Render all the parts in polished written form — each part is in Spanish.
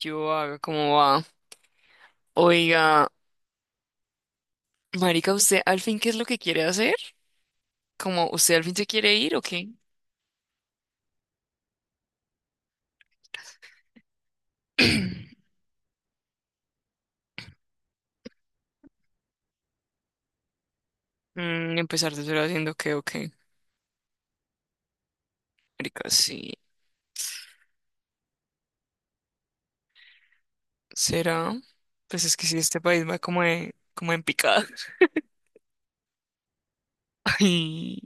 Yo haga como va. Oiga, marica, ¿usted al fin qué es lo que quiere hacer? ¿Como usted al fin se quiere ir o qué? Empezar de cero haciendo qué o qué. Marica, sí. ¿Será? Pues es que si este país va como en picada. Ay,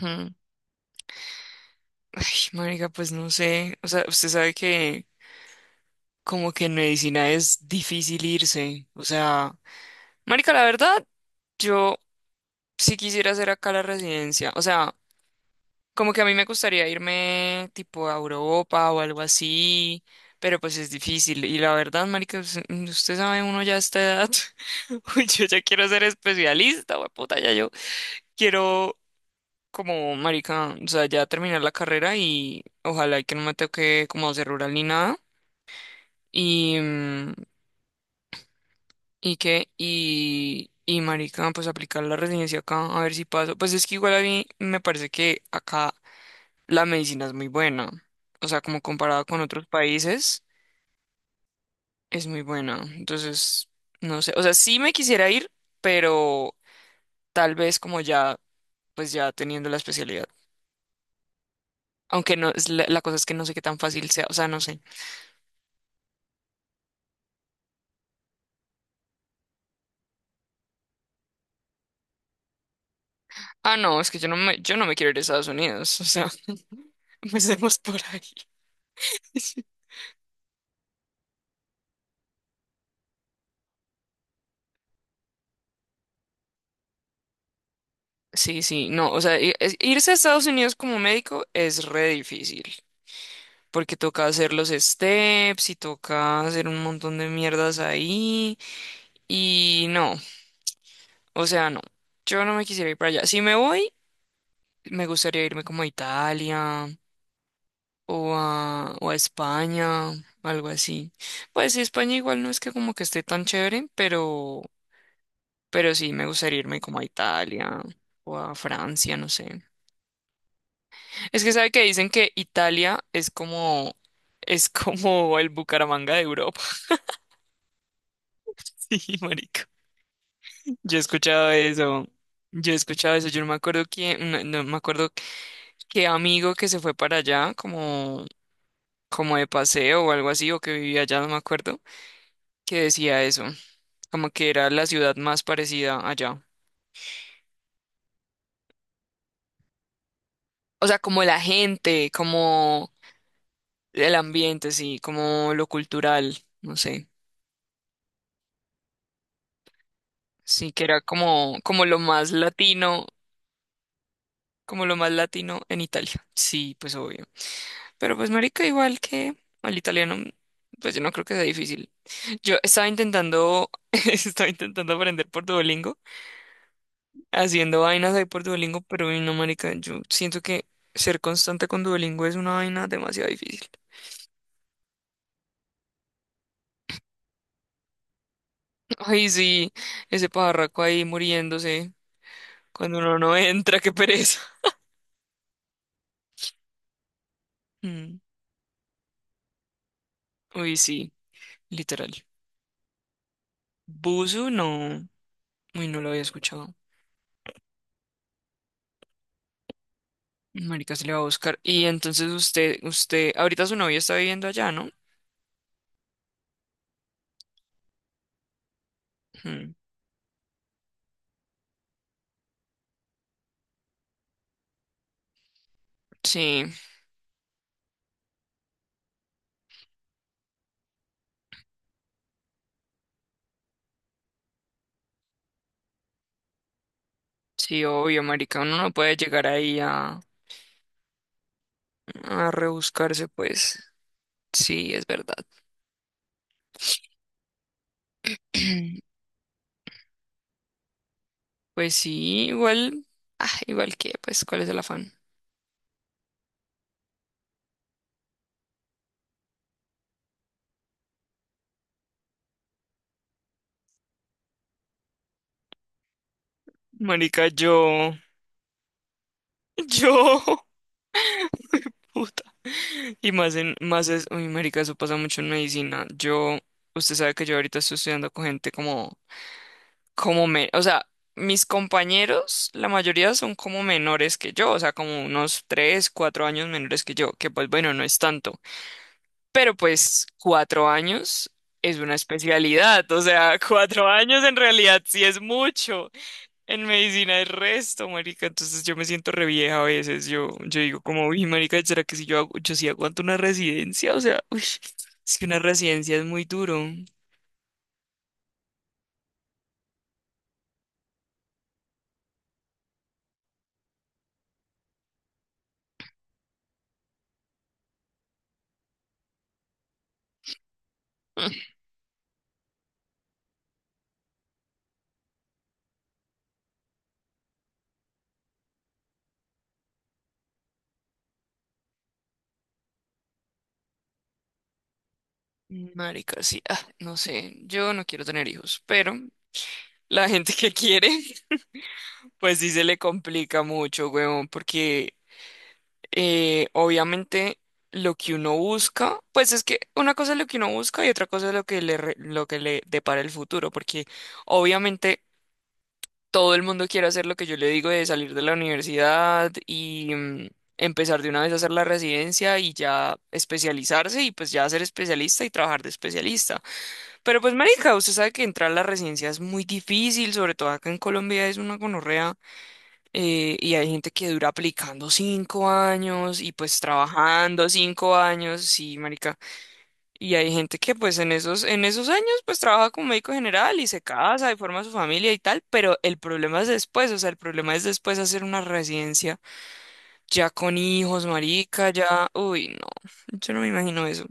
mm, marica, pues no sé. O sea, usted sabe que como que en medicina es difícil irse. O sea, marica, la verdad, yo sí quisiera hacer acá la residencia. O sea, como que a mí me gustaría irme tipo a Europa o algo así, pero pues es difícil. Y la verdad, marica, usted sabe, uno ya a esta edad, uy, yo ya quiero ser especialista, puta, ya yo quiero como, marica, o sea, ya terminar la carrera y ojalá y que no me toque como hacer rural ni nada. Y, mm, y marica, pues aplicar la residencia acá, a ver si paso. Pues es que igual a mí me parece que acá la medicina es muy buena. O sea, como comparada con otros países, es muy buena. Entonces, no sé. O sea, sí me quisiera ir, pero tal vez como ya, pues ya teniendo la especialidad. Aunque no, es la cosa es que no sé qué tan fácil sea. O sea, no sé. Ah, no, es que yo no me quiero ir a Estados Unidos. O sea, empecemos por ahí. Sí, sí, no, o sea, irse a Estados Unidos como médico es re difícil, porque toca hacer los steps y toca hacer un montón de mierdas ahí. Y no, o sea, no. Yo no me quisiera ir para allá. Si me voy, me gustaría irme como a Italia o o a España, algo así. Pues sí, España igual no es que como que esté tan chévere, pero sí me gustaría irme como a Italia o a Francia, no sé. Es que sabe que dicen que Italia es como el Bucaramanga de Europa. Sí, marica. Yo he escuchado eso. Yo he escuchado eso. Yo no me acuerdo quién, no me acuerdo qué amigo que se fue para allá, como, como de paseo o algo así, o que vivía allá, no me acuerdo, que decía eso, como que era la ciudad más parecida allá. O sea, como la gente, como el ambiente, sí, como lo cultural, no sé. Sí, que era como, como lo más latino, como lo más latino en Italia. Sí, pues obvio. Pero pues marica, igual que al italiano, pues yo no creo que sea difícil. Yo estaba intentando, estaba intentando aprender por Duolingo, haciendo vainas ahí por Duolingo, pero uy, no marica, yo siento que ser constante con Duolingo es una vaina demasiado difícil. Ay, sí, ese pajarraco ahí muriéndose cuando uno no entra, qué pereza. Mm, uy, sí, literal. Buzu, no, uy, no lo había escuchado. Marica se le va a buscar. Y entonces ahorita su novia está viviendo allá, ¿no? Mm, sí, sí, obvio, marica, uno no puede llegar ahí a rebuscarse, pues sí, es verdad. Pues sí, igual, ah, igual que, pues, ¿cuál es el afán? Marica, yo, yo, puta. Y más es, uy, marica, eso pasa mucho en medicina. Yo, usted sabe que yo ahorita estoy estudiando con gente como, o sea, mis compañeros, la mayoría son como menores que yo, o sea, como unos tres, cuatro años menores que yo, que pues bueno, no es tanto. Pero pues cuatro años es una especialidad, o sea, cuatro años en realidad sí es mucho. En medicina es resto, marica. Entonces yo me siento re vieja a veces. Yo digo como, uy, marica, ¿será que si yo hago, yo sí aguanto una residencia? O sea, uy, es que una residencia es muy duro. Mm, marica, sí, ah, no sé, yo no quiero tener hijos, pero la gente que quiere, pues sí se le complica mucho, huevón, porque obviamente lo que uno busca, pues es que una cosa es lo que uno busca y otra cosa es lo que lo que le depara el futuro, porque obviamente todo el mundo quiere hacer lo que yo le digo de salir de la universidad y empezar de una vez a hacer la residencia y ya especializarse y pues ya ser especialista y trabajar de especialista. Pero pues marica, usted sabe que entrar a la residencia es muy difícil, sobre todo acá en Colombia es una gonorrea, y hay gente que dura aplicando cinco años y pues trabajando cinco años, sí, marica. Y hay gente que pues en en esos años pues trabaja como médico general y se casa y forma su familia y tal, pero el problema es después, o sea, el problema es después hacer una residencia ya con hijos, marica, ya, uy, no, yo no me imagino eso.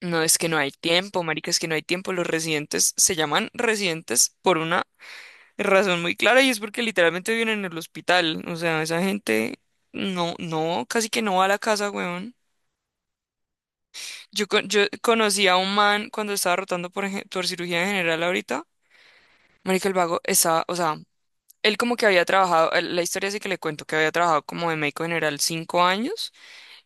No, es que no hay tiempo, marica, es que no hay tiempo. Los residentes se llaman residentes por una razón muy clara y es porque literalmente viven en el hospital. O sea, esa gente no, casi que no va a la casa, weón. Yo conocí a un man cuando estaba rotando por, por cirugía general ahorita. Marica, el vago estaba, o sea, él como que había trabajado, la historia sí que le cuento, que había trabajado como de médico general cinco años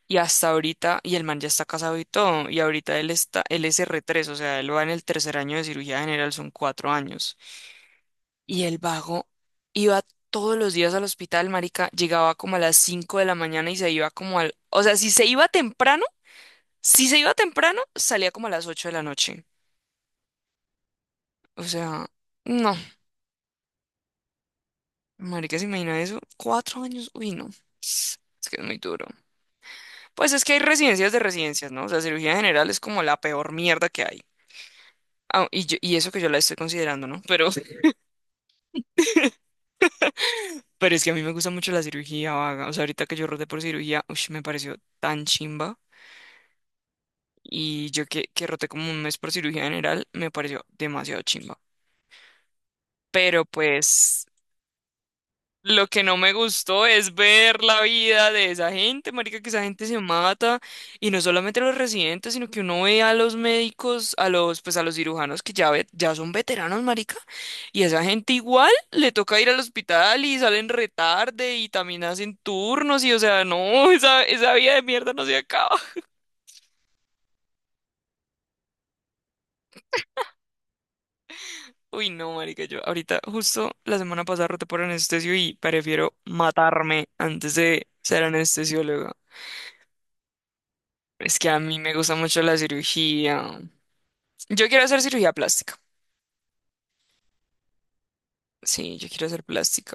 y hasta ahorita, y el man ya está casado y todo, y ahorita él es R3, o sea, él va en el tercer año de cirugía general, son cuatro años. Y el vago iba todos los días al hospital, marica, llegaba como a las 5 de la mañana y se iba como al... O sea, si se iba temprano, si se iba temprano, salía como a las 8 de la noche. O sea, no, marica, se imagina eso. Cuatro años, uy, no. Es que es muy duro. Pues es que hay residencias de residencias, ¿no? O sea, cirugía general es como la peor mierda que hay. Ah, y eso que yo la estoy considerando, ¿no? Pero, pero es que a mí me gusta mucho la cirugía vaga. O sea, ahorita que yo rodé por cirugía, uy, me pareció tan chimba. Y que roté como un mes por cirugía general, me pareció demasiado chimba. Pero pues lo que no me gustó es ver la vida de esa gente, marica, que esa gente se mata y no solamente los residentes, sino que uno ve a los médicos, a los pues a los cirujanos que ya ya son veteranos, marica, y esa gente igual le toca ir al hospital y salen retarde y también hacen turnos y o sea, no, esa vida de mierda no se acaba. Uy, no, marica, yo ahorita justo la semana pasada roté por anestesio y prefiero matarme antes de ser anestesiólogo. Es que a mí me gusta mucho la cirugía. Yo quiero hacer cirugía plástica. Sí, yo quiero hacer plástica.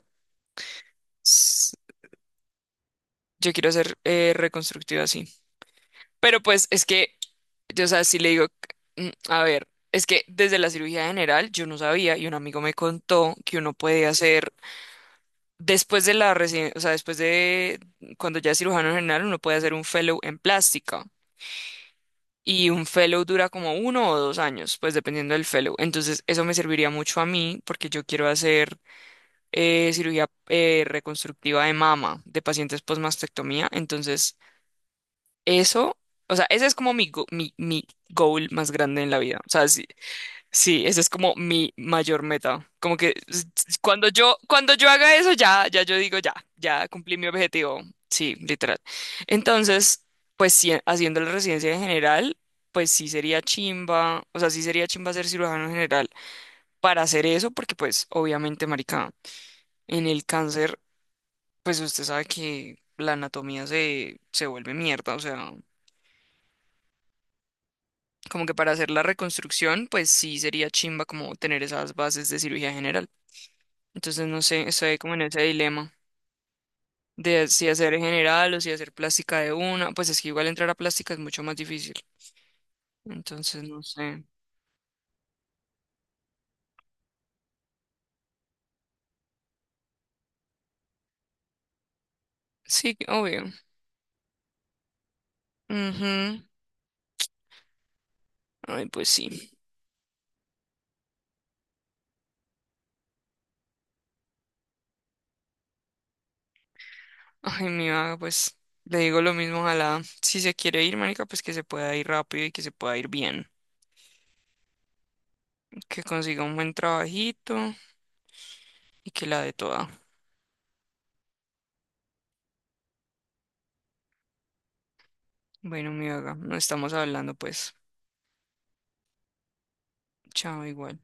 S- Yo quiero hacer reconstructiva, sí. Pero pues es que, yo, o sea, si le digo, mm, a ver, es que desde la cirugía general yo no sabía y un amigo me contó que uno puede hacer Después de la reci- o sea, después de cuando ya es cirujano general, uno puede hacer un fellow en plástica. Y un fellow dura como uno o dos años, pues dependiendo del fellow. Entonces, eso me serviría mucho a mí porque yo quiero hacer cirugía reconstructiva de mama de pacientes postmastectomía. Entonces, eso, o sea, ese es como mi goal más grande en la vida. O sea, si, sí, esa es como mi mayor meta. Como que cuando cuando yo haga eso, ya, ya yo digo, ya, ya cumplí mi objetivo. Sí, literal. Entonces, pues sí, haciendo la residencia en general, pues sí sería chimba, o sea, sí sería chimba ser cirujano general para hacer eso, porque pues obviamente, marica, en el cáncer, pues usted sabe que se vuelve mierda, o sea, como que para hacer la reconstrucción, pues sí sería chimba como tener esas bases de cirugía general. Entonces, no sé, estoy como en ese dilema de si hacer general o si hacer plástica de una. Pues es que igual entrar a plástica es mucho más difícil. Entonces, no sé. Sí, obvio. Ujú. Ay, pues sí. Ay, mi vaga, pues le digo lo mismo. Ojalá, si se quiere ir, marica, pues que se pueda ir rápido y que se pueda ir bien. Que consiga un buen trabajito y que la dé toda. Bueno, mi vaga, nos estamos hablando, pues. Chao, igual.